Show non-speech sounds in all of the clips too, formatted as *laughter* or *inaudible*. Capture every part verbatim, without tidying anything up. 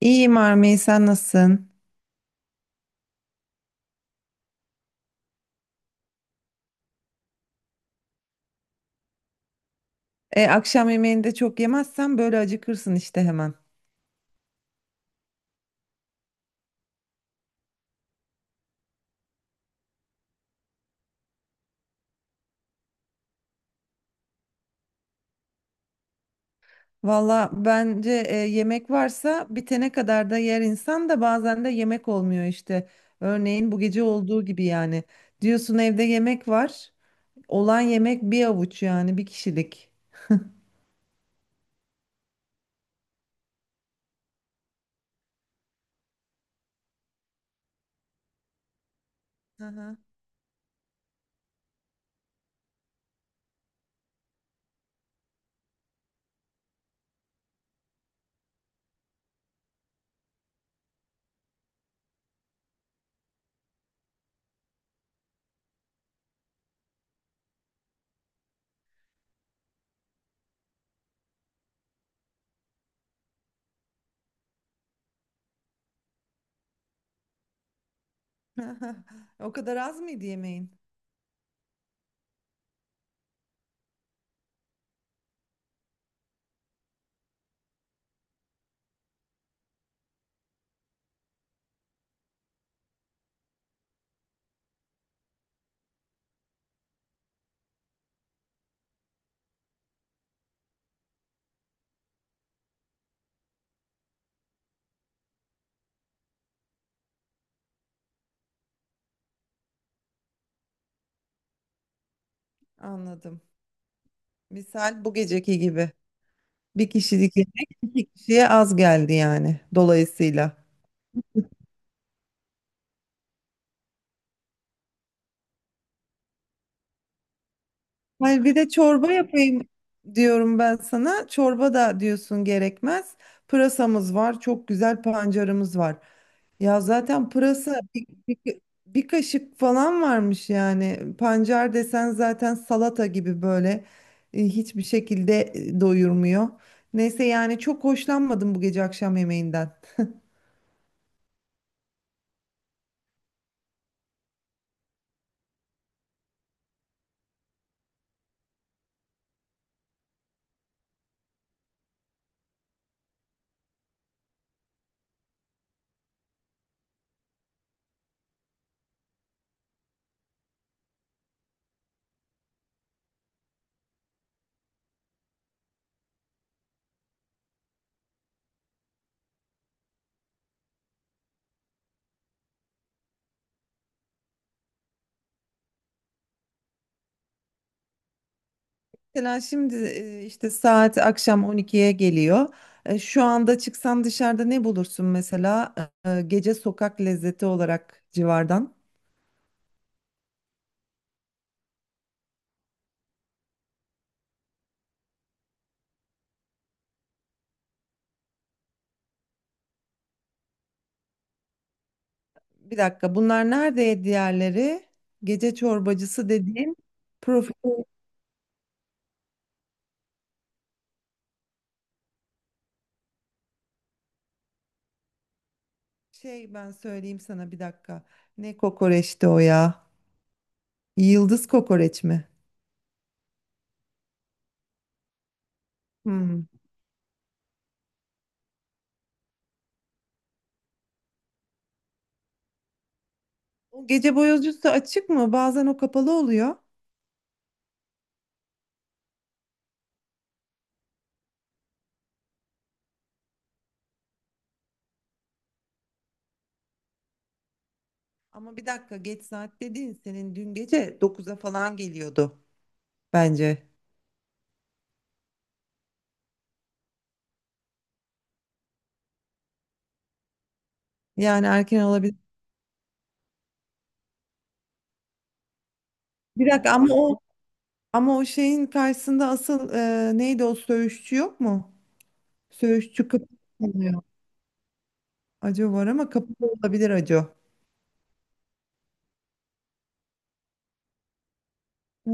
İyiyim Armey, sen nasılsın? E, akşam yemeğini de çok yemezsen böyle acıkırsın işte hemen. Valla bence e, yemek varsa bitene kadar da yer insan da bazen de yemek olmuyor işte. Örneğin bu gece olduğu gibi yani. Diyorsun evde yemek var. Olan yemek bir avuç yani bir kişilik. Hı hı. *laughs* O kadar az mıydı yemeğin? Anladım. Misal bu geceki gibi. Bir kişilik yemek iki kişiye az geldi yani dolayısıyla. Hayır, bir de çorba yapayım diyorum ben sana. Çorba da diyorsun gerekmez. Pırasamız var, çok güzel pancarımız var. Ya zaten pırasa bir, bir- bir kaşık falan varmış yani. Pancar desen zaten salata gibi böyle e, hiçbir şekilde e, doyurmuyor. Neyse yani çok hoşlanmadım bu gece akşam yemeğinden. Mesela şimdi e, işte saat akşam on ikiye geliyor. E, Şu anda çıksan dışarıda ne bulursun mesela? E, e, Gece sokak lezzeti olarak civardan. Bir dakika, bunlar nerede diğerleri? Gece çorbacısı dediğim profil şey ben söyleyeyim sana bir dakika. Ne kokoreçti o ya? Yıldız kokoreç mi? Hmm. O gece boyozcusu açık mı? Bazen o kapalı oluyor. Ama bir dakika, geç saat dediğin senin dün gece dokuza falan geliyordu bence. Yani erken olabilir. Bir dakika ama o ama o şeyin karşısında asıl e, neydi o söğüşçü yok mu? Söğüşçü kapı oluyor. Acı var ama kapı da olabilir acı. Ha.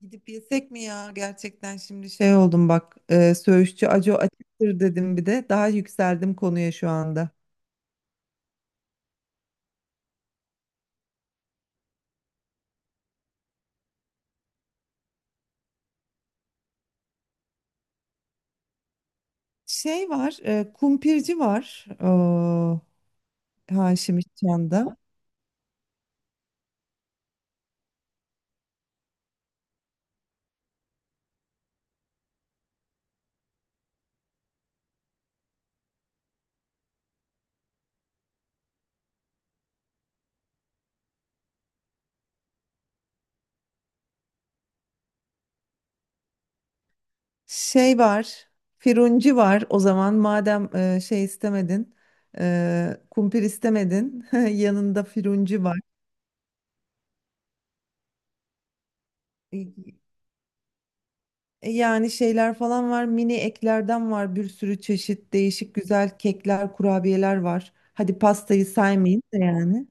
Gidip yesek mi ya? Gerçekten şimdi şey oldum bak. E, söğüşçü Aco açıktır dedim bir de. Daha yükseldim konuya şu anda. Şey var, e, kumpirci var. Haşim İşcan'da. Şey var, Firunci var. O zaman madem e, şey istemedin, e, kumpir istemedin, *laughs* yanında Firunci var. E, Yani şeyler falan var, mini eklerden var, bir sürü çeşit değişik güzel kekler, kurabiyeler var. Hadi pastayı saymayın da yani.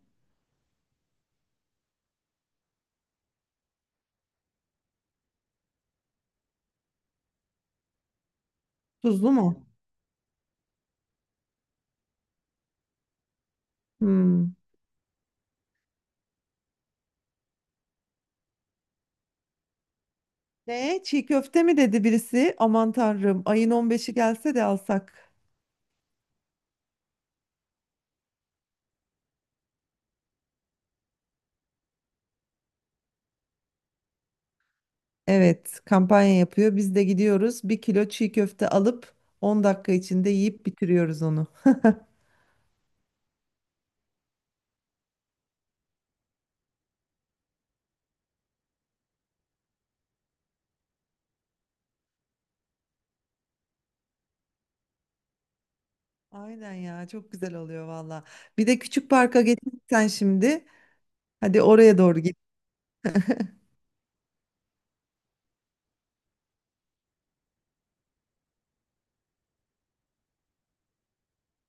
Tuzlu mu? Hmm. Ne? Çiğ köfte mi dedi birisi? Aman tanrım, ayın on beşi gelse de alsak. Evet, kampanya yapıyor. Biz de gidiyoruz. Bir kilo çiğ köfte alıp on dakika içinde yiyip bitiriyoruz onu. Aynen ya, çok güzel oluyor valla. Bir de küçük parka geçsen şimdi. Hadi oraya doğru git.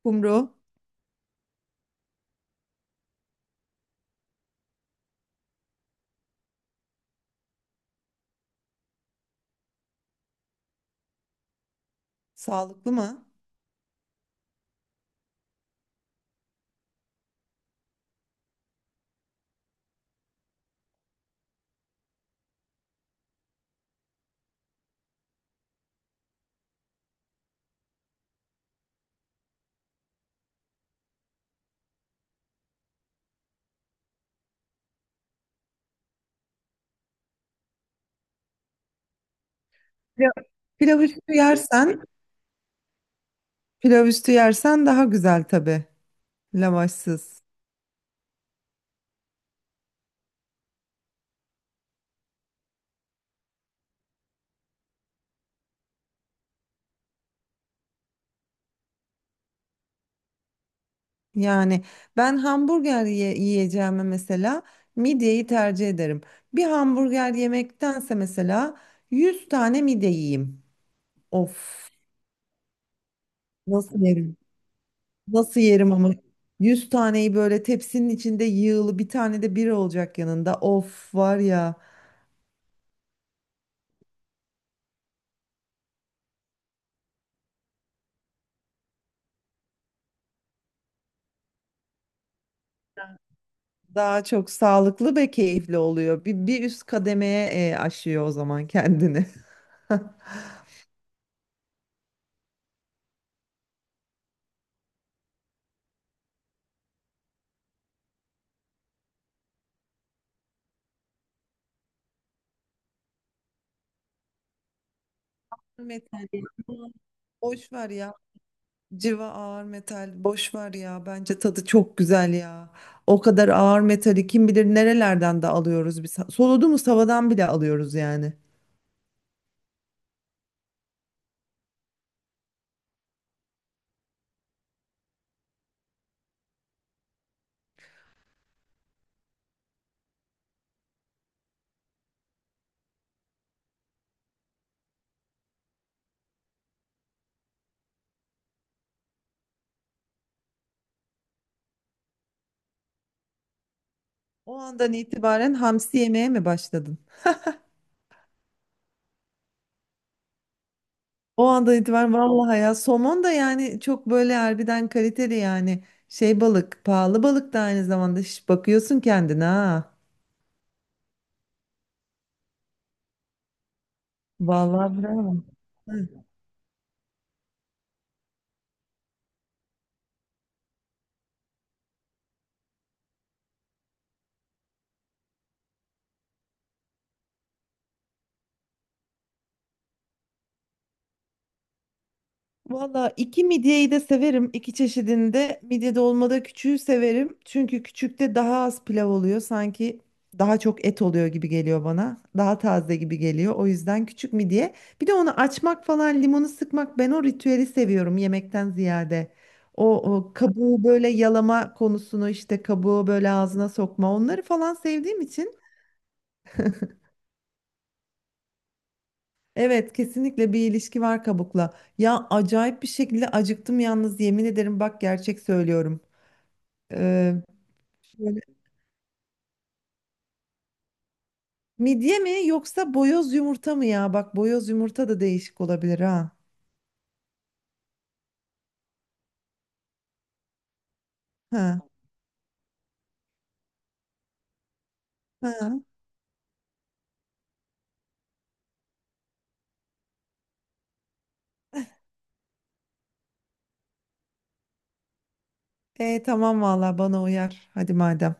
Kumru, sağlıklı mı? Pilav, pilav üstü yersen, pilav üstü yersen daha güzel tabii. Lavaşsız. Yani ben hamburger ye- yiyeceğime mesela midyeyi tercih ederim. Bir hamburger yemektense mesela yüz tane midye yiyeyim. Of, nasıl yerim? Nasıl yerim ama yüz taneyi böyle tepsinin içinde yığılı, bir tane de biri olacak yanında. Of var ya. Daha çok sağlıklı ve keyifli oluyor. Bir, bir üst kademeye e, aşıyor o zaman kendini. *laughs* Metal ya. Boş ver ya. Civa ağır metal, boş ver ya. Bence tadı çok güzel ya. O kadar ağır metali kim bilir nerelerden de alıyoruz biz. Soluduğumuz havadan bile alıyoruz yani. O andan itibaren hamsi yemeye mi başladın? O andan itibaren vallahi ya somon da yani çok böyle harbiden kaliteli yani şey balık, pahalı balık da aynı zamanda. Şş, bakıyorsun kendine ha. Vallahi bravo. Valla iki midyeyi de severim. İki çeşidinde. Midye dolmada küçüğü severim. Çünkü küçükte daha az pilav oluyor. Sanki daha çok et oluyor gibi geliyor bana. Daha taze gibi geliyor. O yüzden küçük midye. Bir de onu açmak falan, limonu sıkmak, ben o ritüeli seviyorum yemekten ziyade. O, o kabuğu böyle yalama konusunu, işte kabuğu böyle ağzına sokma onları falan sevdiğim için. Evet, kesinlikle bir ilişki var kabukla. Ya acayip bir şekilde acıktım yalnız, yemin ederim bak, gerçek söylüyorum. Ee, şöyle- midye mi yoksa boyoz yumurta mı ya? Bak boyoz yumurta da değişik olabilir ha. Ha. Ha. E tamam vallahi bana uyar. Hadi madem.